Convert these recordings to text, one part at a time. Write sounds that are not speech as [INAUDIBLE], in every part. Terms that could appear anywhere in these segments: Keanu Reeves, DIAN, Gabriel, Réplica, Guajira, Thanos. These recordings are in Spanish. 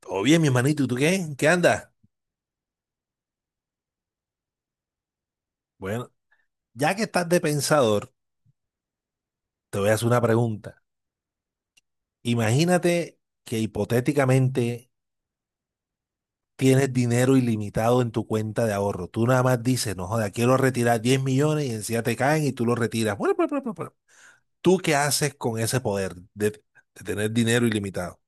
Todo bien, mi hermanito, ¿y tú qué? ¿Qué andas? Bueno, ya que estás de pensador, te voy a hacer una pregunta. Imagínate que hipotéticamente tienes dinero ilimitado en tu cuenta de ahorro. Tú nada más dices, no joda, quiero retirar 10 millones y encima te caen y tú lo retiras. Bueno, bueno. ¿Tú qué haces con ese poder de tener dinero ilimitado?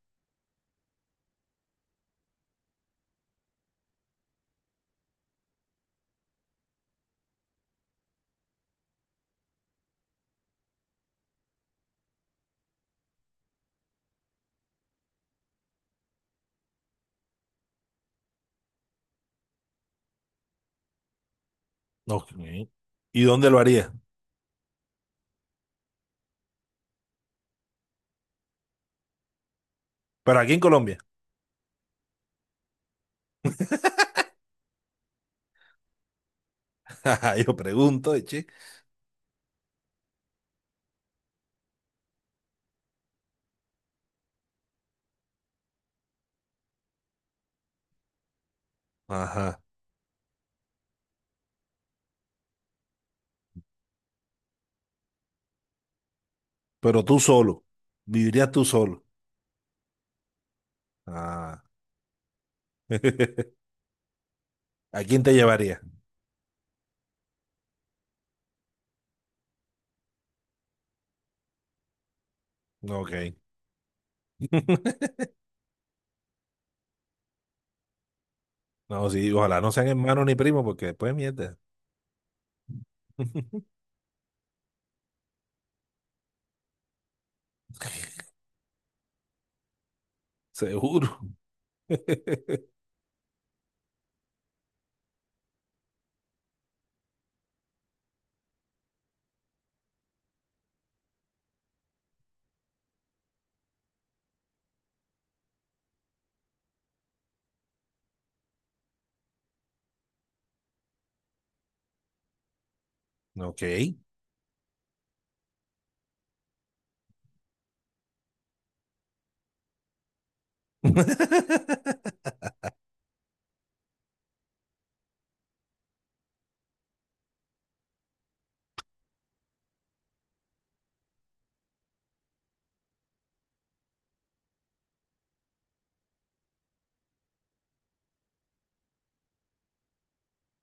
Ok. ¿Y dónde lo harías? Pero aquí en Colombia. [LAUGHS] Ajá, yo pregunto, che. Ajá. Pero tú solo. Vivirías tú solo. Ah. [LAUGHS] ¿A quién te llevaría? No, ok. [LAUGHS] No, sí, ojalá no sean hermanos ni primos, porque después mierda. [LAUGHS] Seguro. [LAUGHS] Ok. [LAUGHS]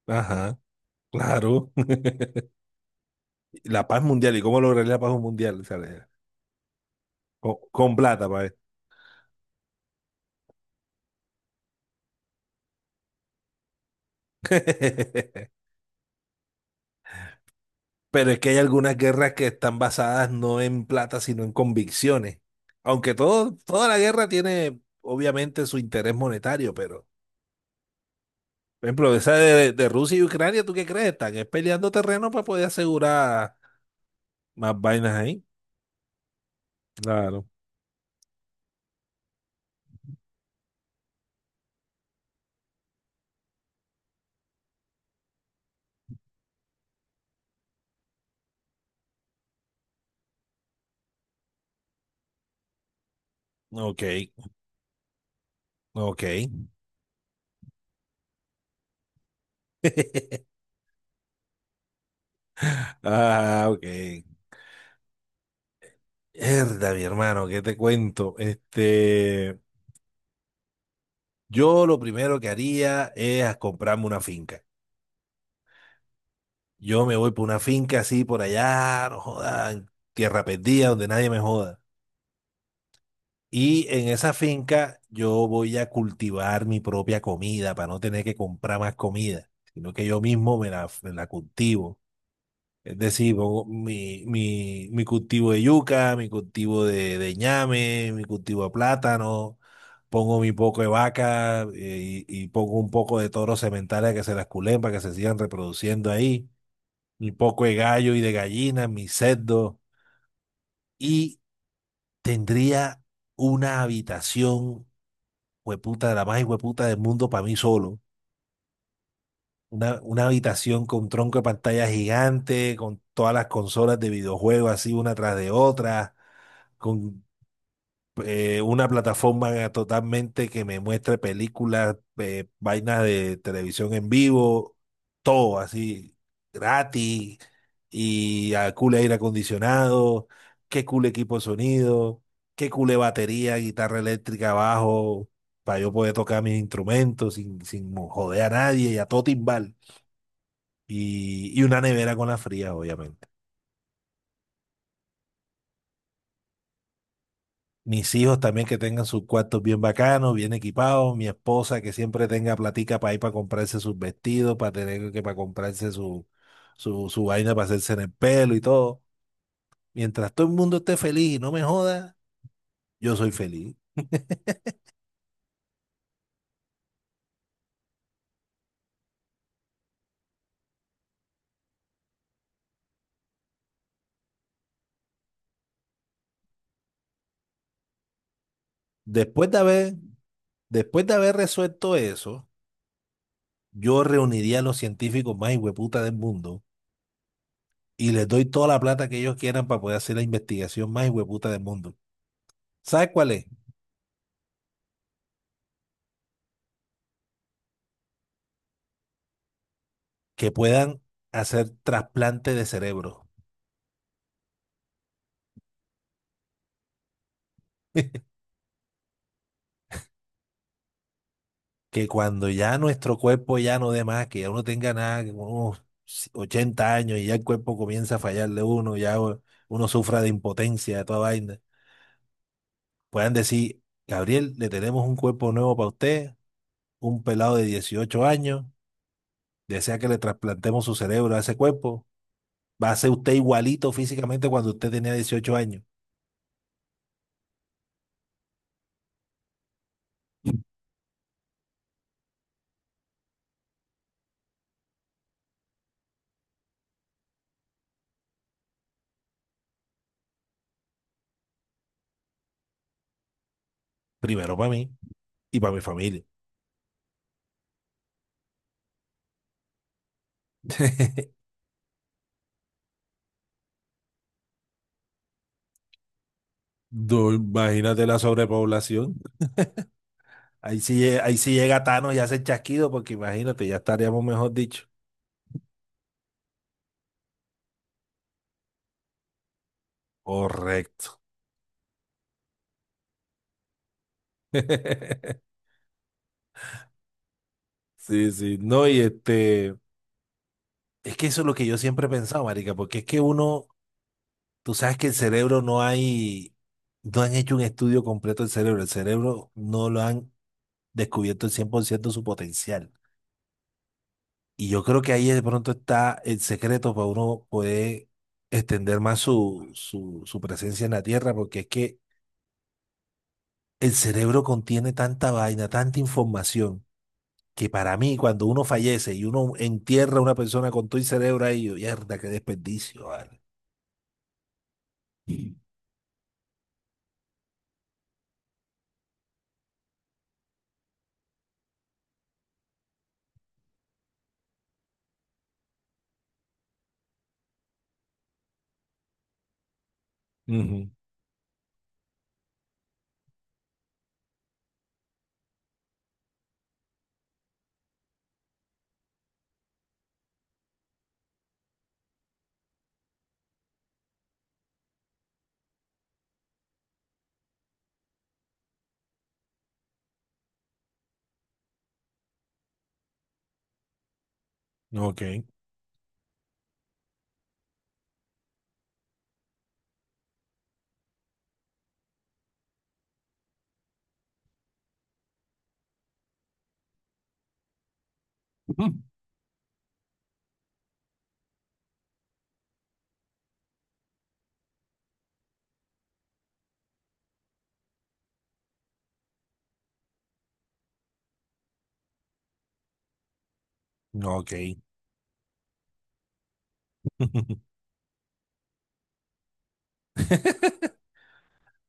Ajá, claro. [LAUGHS] La paz mundial, ¿y cómo lograr la paz mundial? O sea, le- con plata, pa' ver. [LAUGHS] Pero es que hay algunas guerras que están basadas no en plata, sino en convicciones. Aunque todo, toda la guerra tiene, obviamente, su interés monetario, pero por ejemplo, esa de Rusia y Ucrania, ¿tú qué crees? Están es peleando terreno para poder asegurar más vainas ahí. Claro. Ok, ok. [LAUGHS] Ah, ok. Herda, mi hermano, ¿qué te cuento? Este, yo lo primero que haría es a comprarme una finca. Yo me voy por una finca así por allá, no jodan, tierra perdida, donde nadie me joda. Y en esa finca yo voy a cultivar mi propia comida para no tener que comprar más comida, sino que yo mismo me la cultivo. Es decir, pongo mi cultivo de yuca, mi cultivo de ñame, mi cultivo de plátano, pongo mi poco de vaca y pongo un poco de toros sementales que se las culen para que se sigan reproduciendo ahí, mi poco de gallo y de gallina, mi cerdo y tendría una habitación hueputa, la más hueputa del mundo para mí solo. Una habitación con tronco de pantalla gigante, con todas las consolas de videojuegos así una tras de otra, con una plataforma totalmente que me muestre películas, vainas de televisión en vivo, todo así gratis y a cool aire acondicionado, qué cool equipo de sonido, qué cool batería, guitarra eléctrica, bajo, para yo poder tocar mis instrumentos sin joder a nadie y a todo timbal. Y una nevera con la fría, obviamente. Mis hijos también que tengan sus cuartos bien bacanos, bien equipados. Mi esposa que siempre tenga platica para ir para comprarse sus vestidos, para tener que para comprarse su vaina para hacerse en el pelo y todo. Mientras todo el mundo esté feliz y no me joda, yo soy feliz. Después de haber, después de haber resuelto eso, yo reuniría a los científicos más hueputa del mundo y les doy toda la plata que ellos quieran para poder hacer la investigación más hueputa del mundo. ¿Sabes cuál es? Que puedan hacer trasplante de cerebro. [LAUGHS] Que cuando ya nuestro cuerpo ya no dé más, que ya uno tenga nada, que unos 80 años y ya el cuerpo comienza a fallarle a uno, ya u- uno sufra de impotencia, de toda vaina, puedan decir, Gabriel, le tenemos un cuerpo nuevo para usted, un pelado de 18 años, desea que le trasplantemos su cerebro a ese cuerpo, va a ser usted igualito físicamente cuando usted tenía 18 años, primero para mí y para mi familia. [LAUGHS] Do- imagínate la sobrepoblación. Ahí sí, lle- ahí sí llega Thanos y hace el chasquido, porque imagínate, ya estaríamos mejor dicho. Correcto. [LAUGHS] Sí, sí. No, y este, es que eso es lo que yo siempre he pensado, marica, porque es que uno, tú sabes que el cerebro no hay, no han hecho un estudio completo del cerebro. El cerebro no lo han descubierto el 100% su potencial. Y yo creo que ahí de pronto está el secreto para uno poder extender más su presencia en la Tierra, porque es que el cerebro contiene tanta vaina, tanta información, que para mí, cuando uno fallece y uno entierra a una persona con todo el cerebro ahí, yo, mierda, qué desperdicio, vale". Ujú, ok. Ujú, ok. [LAUGHS]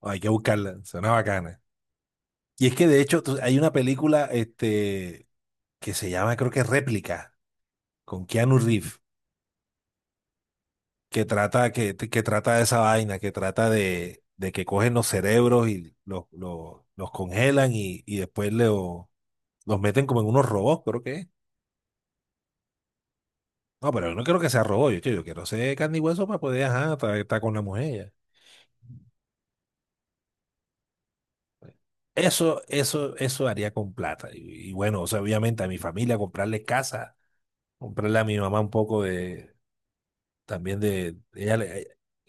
Hay que buscarla, suena bacana. Y es que de hecho tú- hay una película este, que se llama, creo que Réplica, con Keanu Reeves, que trata de esa vaina, que trata de que cogen los cerebros y los congelan y después le los meten como en unos robots, creo que es. No, pero yo no quiero que sea robot, yo quiero ser carne y hueso para poder, ajá, estar con la mujer. Ya. Eso haría con plata. Y bueno, o sea, obviamente a mi familia comprarle casa, comprarle a mi mamá un poco de, también de, ella le,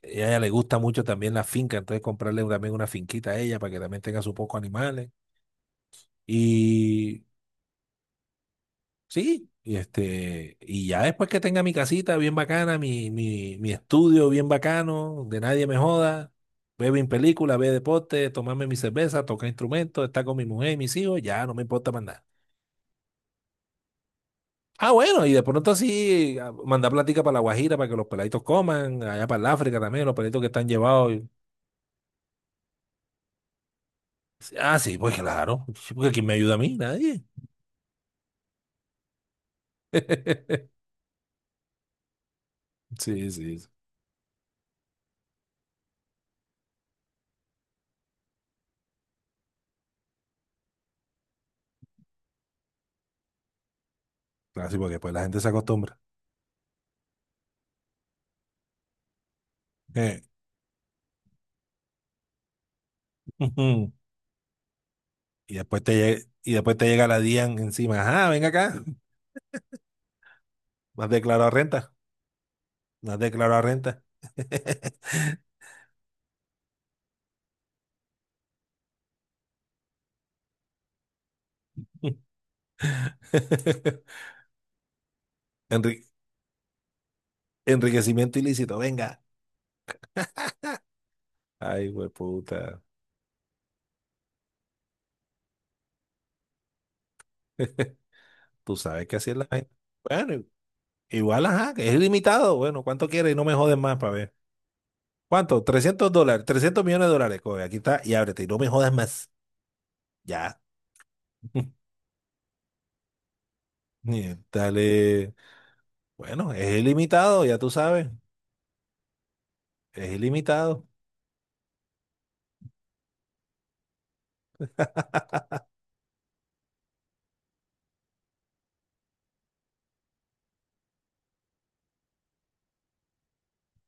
ella le gusta mucho también la finca, entonces comprarle también una finquita a ella para que también tenga sus pocos animales. Y sí, y este, y ya después que tenga mi casita bien bacana, mi estudio bien bacano, de nadie me joda, veo mi película, veo deporte, tomarme mi cerveza, tocar instrumentos, estar con mi mujer y mis hijos, ya no me importa más nada. Ah, bueno, y de pronto sí, a- mandar plática para la Guajira para que los peladitos coman, allá para el África también, los peladitos que están llevados. Y- ah, sí, pues claro, sí, porque ¿quién me ayuda a mí? Nadie. [LAUGHS] Sí, sí, sí. Claro, sí, porque pues la gente se acostumbra. Eh. [LAUGHS] Y después te, lle- y después te llega la DIAN encima. Ajá, venga acá. No has declarado renta. No has declarado renta. [LAUGHS] Enri- enriquecimiento ilícito, venga. Ay, güey, puta. [LAUGHS] Tú sabes que así es la gente. Bueno, igual, ajá, que es ilimitado. Bueno, ¿cuánto quieres? Y no me jodes más para ver. ¿Cuánto? $300, $300 millones. Coge, aquí está y ábrete. Y no me jodas más. Ya. [LAUGHS] Dale. Bueno, es ilimitado, ya tú sabes. Es ilimitado.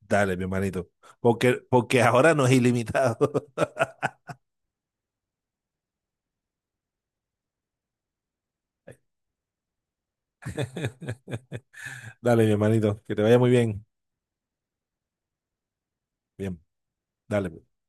Dale, mi hermanito. Porque, porque ahora no es ilimitado. [LAUGHS] Dale, mi hermanito. Que te vaya muy bien. Bien, dale pues.